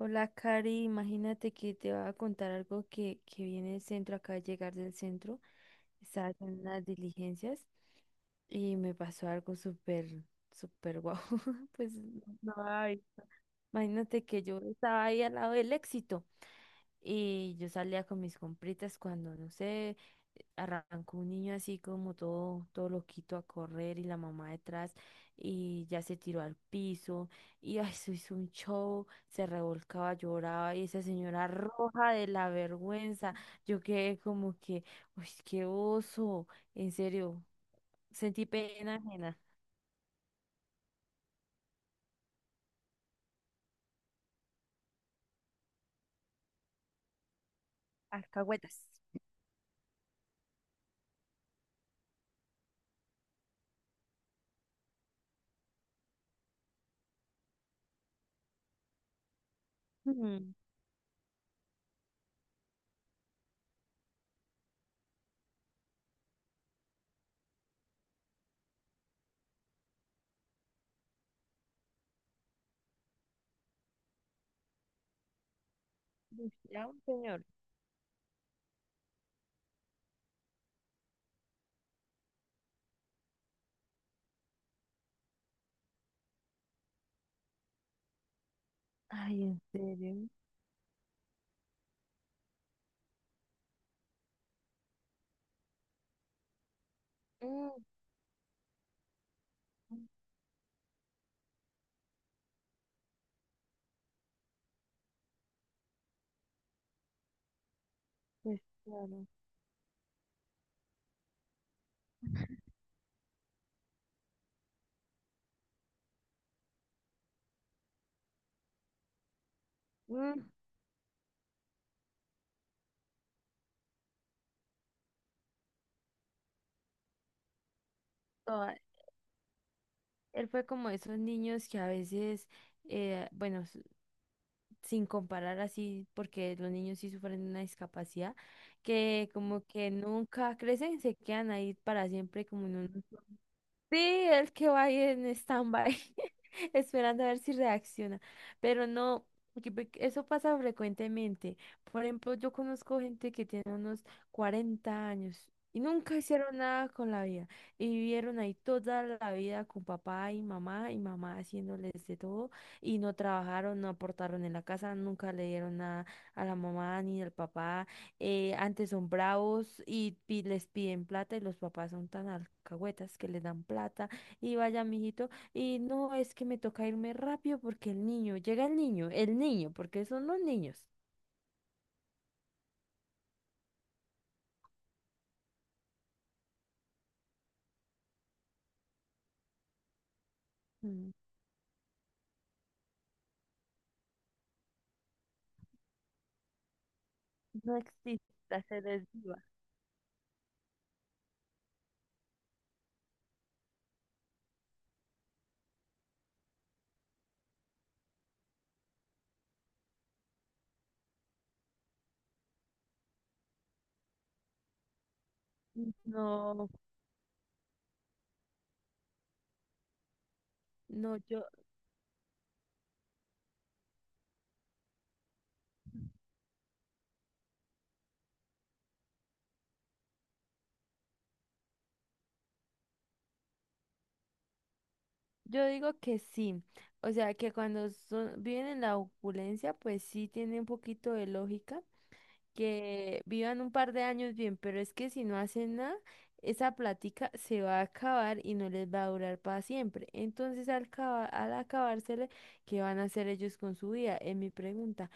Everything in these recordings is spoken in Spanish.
Hola, Cari, imagínate que te voy a contar algo que viene del centro, acaba de llegar del centro, estaba haciendo unas diligencias y me pasó algo súper, súper guau, pues no, ay, imagínate que yo estaba ahí al lado del Éxito y yo salía con mis compritas cuando, no sé, arrancó un niño así como todo loquito a correr y la mamá detrás y ya se tiró al piso y ay, se hizo un show, se revolcaba, lloraba y esa señora roja de la vergüenza. Yo quedé como que, uy, qué oso, en serio, sentí pena ajena. Alcahuetas. Ujú. Ya un señor. Ay, en serio. Mm. Pues claro. Mm. Toda- Él fue como esos niños que a veces, bueno, sin comparar así, porque los niños sí sufren una discapacidad, que como que nunca crecen, se quedan ahí para siempre como en un... Sí, el que va ahí en stand-by, esperando a ver si reacciona. Pero no, porque eso pasa frecuentemente. Por ejemplo, yo conozco gente que tiene unos 40 años y nunca hicieron nada con la vida. Y vivieron ahí toda la vida con papá y mamá, y mamá haciéndoles de todo. Y no trabajaron, no aportaron en la casa, nunca le dieron nada a la mamá ni al papá. Antes son bravos y, les piden plata, y los papás son tan alcahuetas que les dan plata y vaya, mijito. Y no, es que me toca irme rápido porque el niño, llega el niño, porque son los niños. Mm. No existe, se desviva. No, no, yo digo que sí. O sea, que cuando son, viven en la opulencia, pues sí tiene un poquito de lógica que vivan un par de años bien, pero es que si no hacen nada, esa plática se va a acabar y no les va a durar para siempre. Entonces, al acabársele, ¿qué van a hacer ellos con su vida? Es mi pregunta.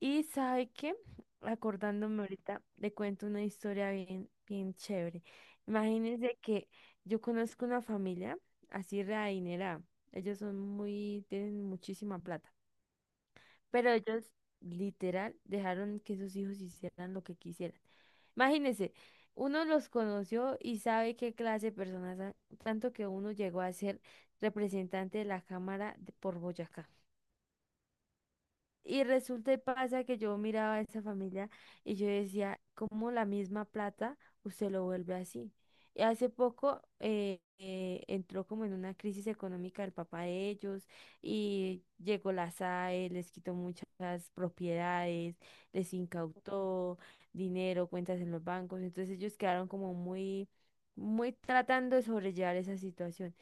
Y sabe qué, acordándome ahorita, le cuento una historia bien, bien chévere. Imagínense que yo conozco una familia así readinerada. Ellos son muy, tienen muchísima plata. Pero ellos literal dejaron que sus hijos hicieran lo que quisieran. Imagínense, uno los conoció y sabe qué clase de personas son, tanto que uno llegó a ser representante de la Cámara de- por Boyacá. Y resulta y pasa que yo miraba a esa familia y yo decía, ¿cómo la misma plata usted lo vuelve así? Y hace poco entró como en una crisis económica el papá de ellos y llegó la SAE, les quitó muchas propiedades, les incautó dinero, cuentas en los bancos. Entonces ellos quedaron como muy, muy tratando de sobrellevar esa situación.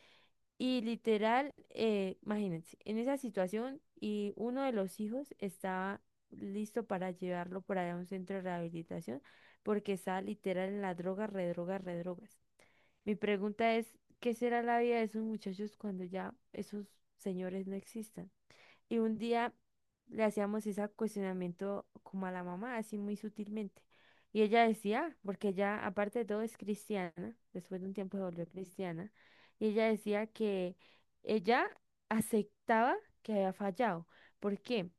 Y literal, imagínense, en esa situación, y uno de los hijos estaba listo para llevarlo por allá a un centro de rehabilitación porque estaba literal en la droga, redroga, redrogas. Mi pregunta es, ¿qué será la vida de esos muchachos cuando ya esos señores no existan? Y un día le hacíamos ese cuestionamiento como a la mamá, así muy sutilmente. Y ella decía, porque ella aparte de todo es cristiana, después de un tiempo se volvió cristiana, y ella decía que ella aceptaba que había fallado. ¿Por qué?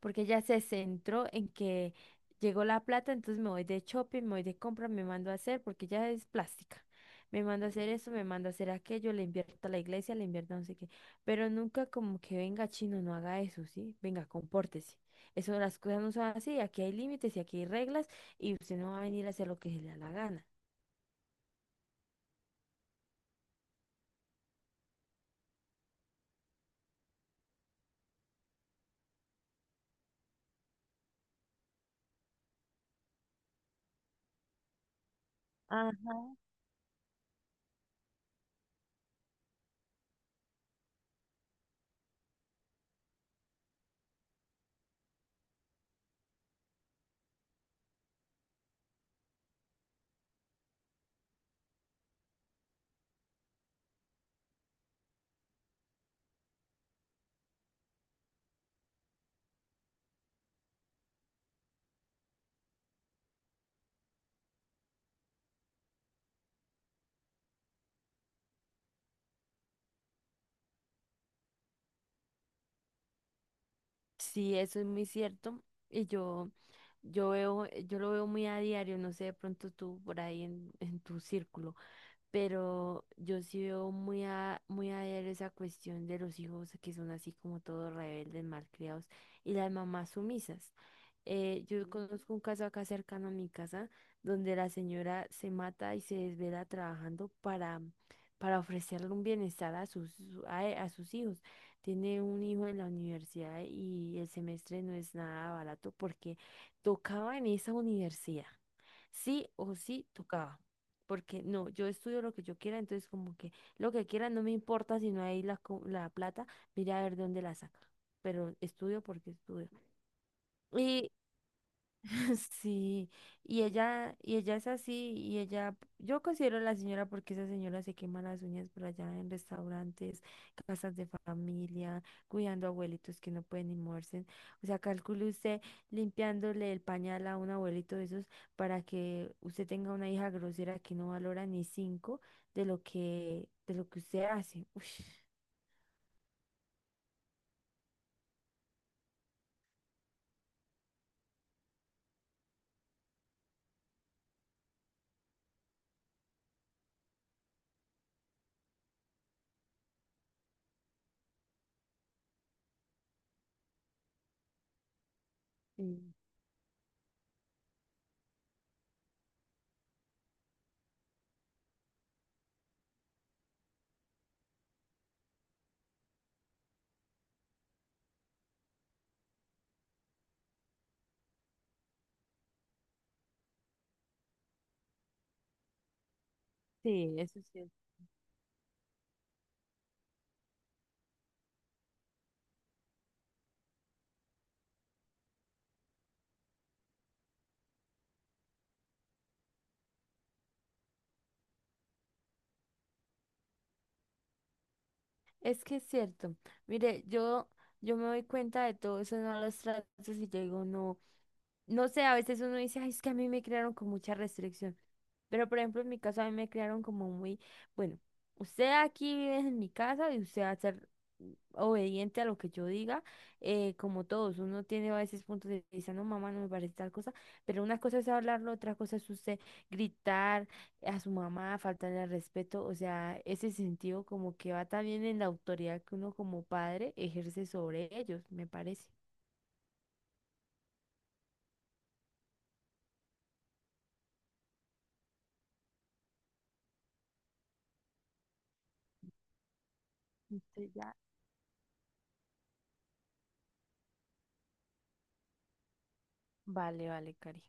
Porque ella se centró en que llegó la plata, entonces me voy de shopping, me voy de compra, me mando a hacer, porque ella es plástica. Me mando a hacer eso, me mando a hacer aquello, le invierto a la iglesia, le invierto a no sé qué. Pero nunca como que venga chino, no haga eso, ¿sí? Venga, compórtese. Eso, las cosas no son así, aquí hay límites y aquí hay reglas y usted no va a venir a hacer lo que se le da la gana. Ajá. Sí, eso es muy cierto. Y yo veo, yo lo veo muy a diario, no sé, de pronto tú por ahí en tu círculo. Pero yo sí veo muy a, muy a ver esa cuestión de los hijos que son así como todos rebeldes, malcriados, y las mamás sumisas. Yo conozco un caso acá cercano a mi casa donde la señora se mata y se desvela trabajando para ofrecerle un bienestar a sus, a sus hijos. Tiene un hijo en la universidad y el semestre no es nada barato porque tocaba en esa universidad, sí o sí tocaba. Porque no, yo estudio lo que yo quiera, entonces como que lo que quiera no me importa si no hay la, la plata, mira a ver de dónde la saca. Pero estudio porque estudio. Y sí, y ella es así, y ella, yo considero a la señora porque esa señora se quema las uñas por allá en restaurantes, casas de familia, cuidando abuelitos que no pueden ni moverse. O sea, calcule usted limpiándole el pañal a un abuelito de esos para que usted tenga una hija grosera que no valora ni cinco de lo que usted hace. Ush. Sí, sí, eso sí. Es que es cierto. Mire, yo me doy cuenta de todo eso en los tratos y yo digo, no, no sé, a veces uno dice, ay, es que a mí me crearon con mucha restricción. Pero, por ejemplo, en mi caso, a mí me crearon como muy, bueno, usted aquí vive en mi casa y usted va a ser obediente a lo que yo diga, como todos. Uno tiene a veces puntos de vista, no, mamá, no me parece tal cosa. Pero una cosa es hablarlo, otra cosa es usted gritar a su mamá, faltarle al respeto. O sea, ese sentido como que va también en la autoridad que uno como padre ejerce sobre ellos, me parece. Entonces ya. Vale, vale, Cari.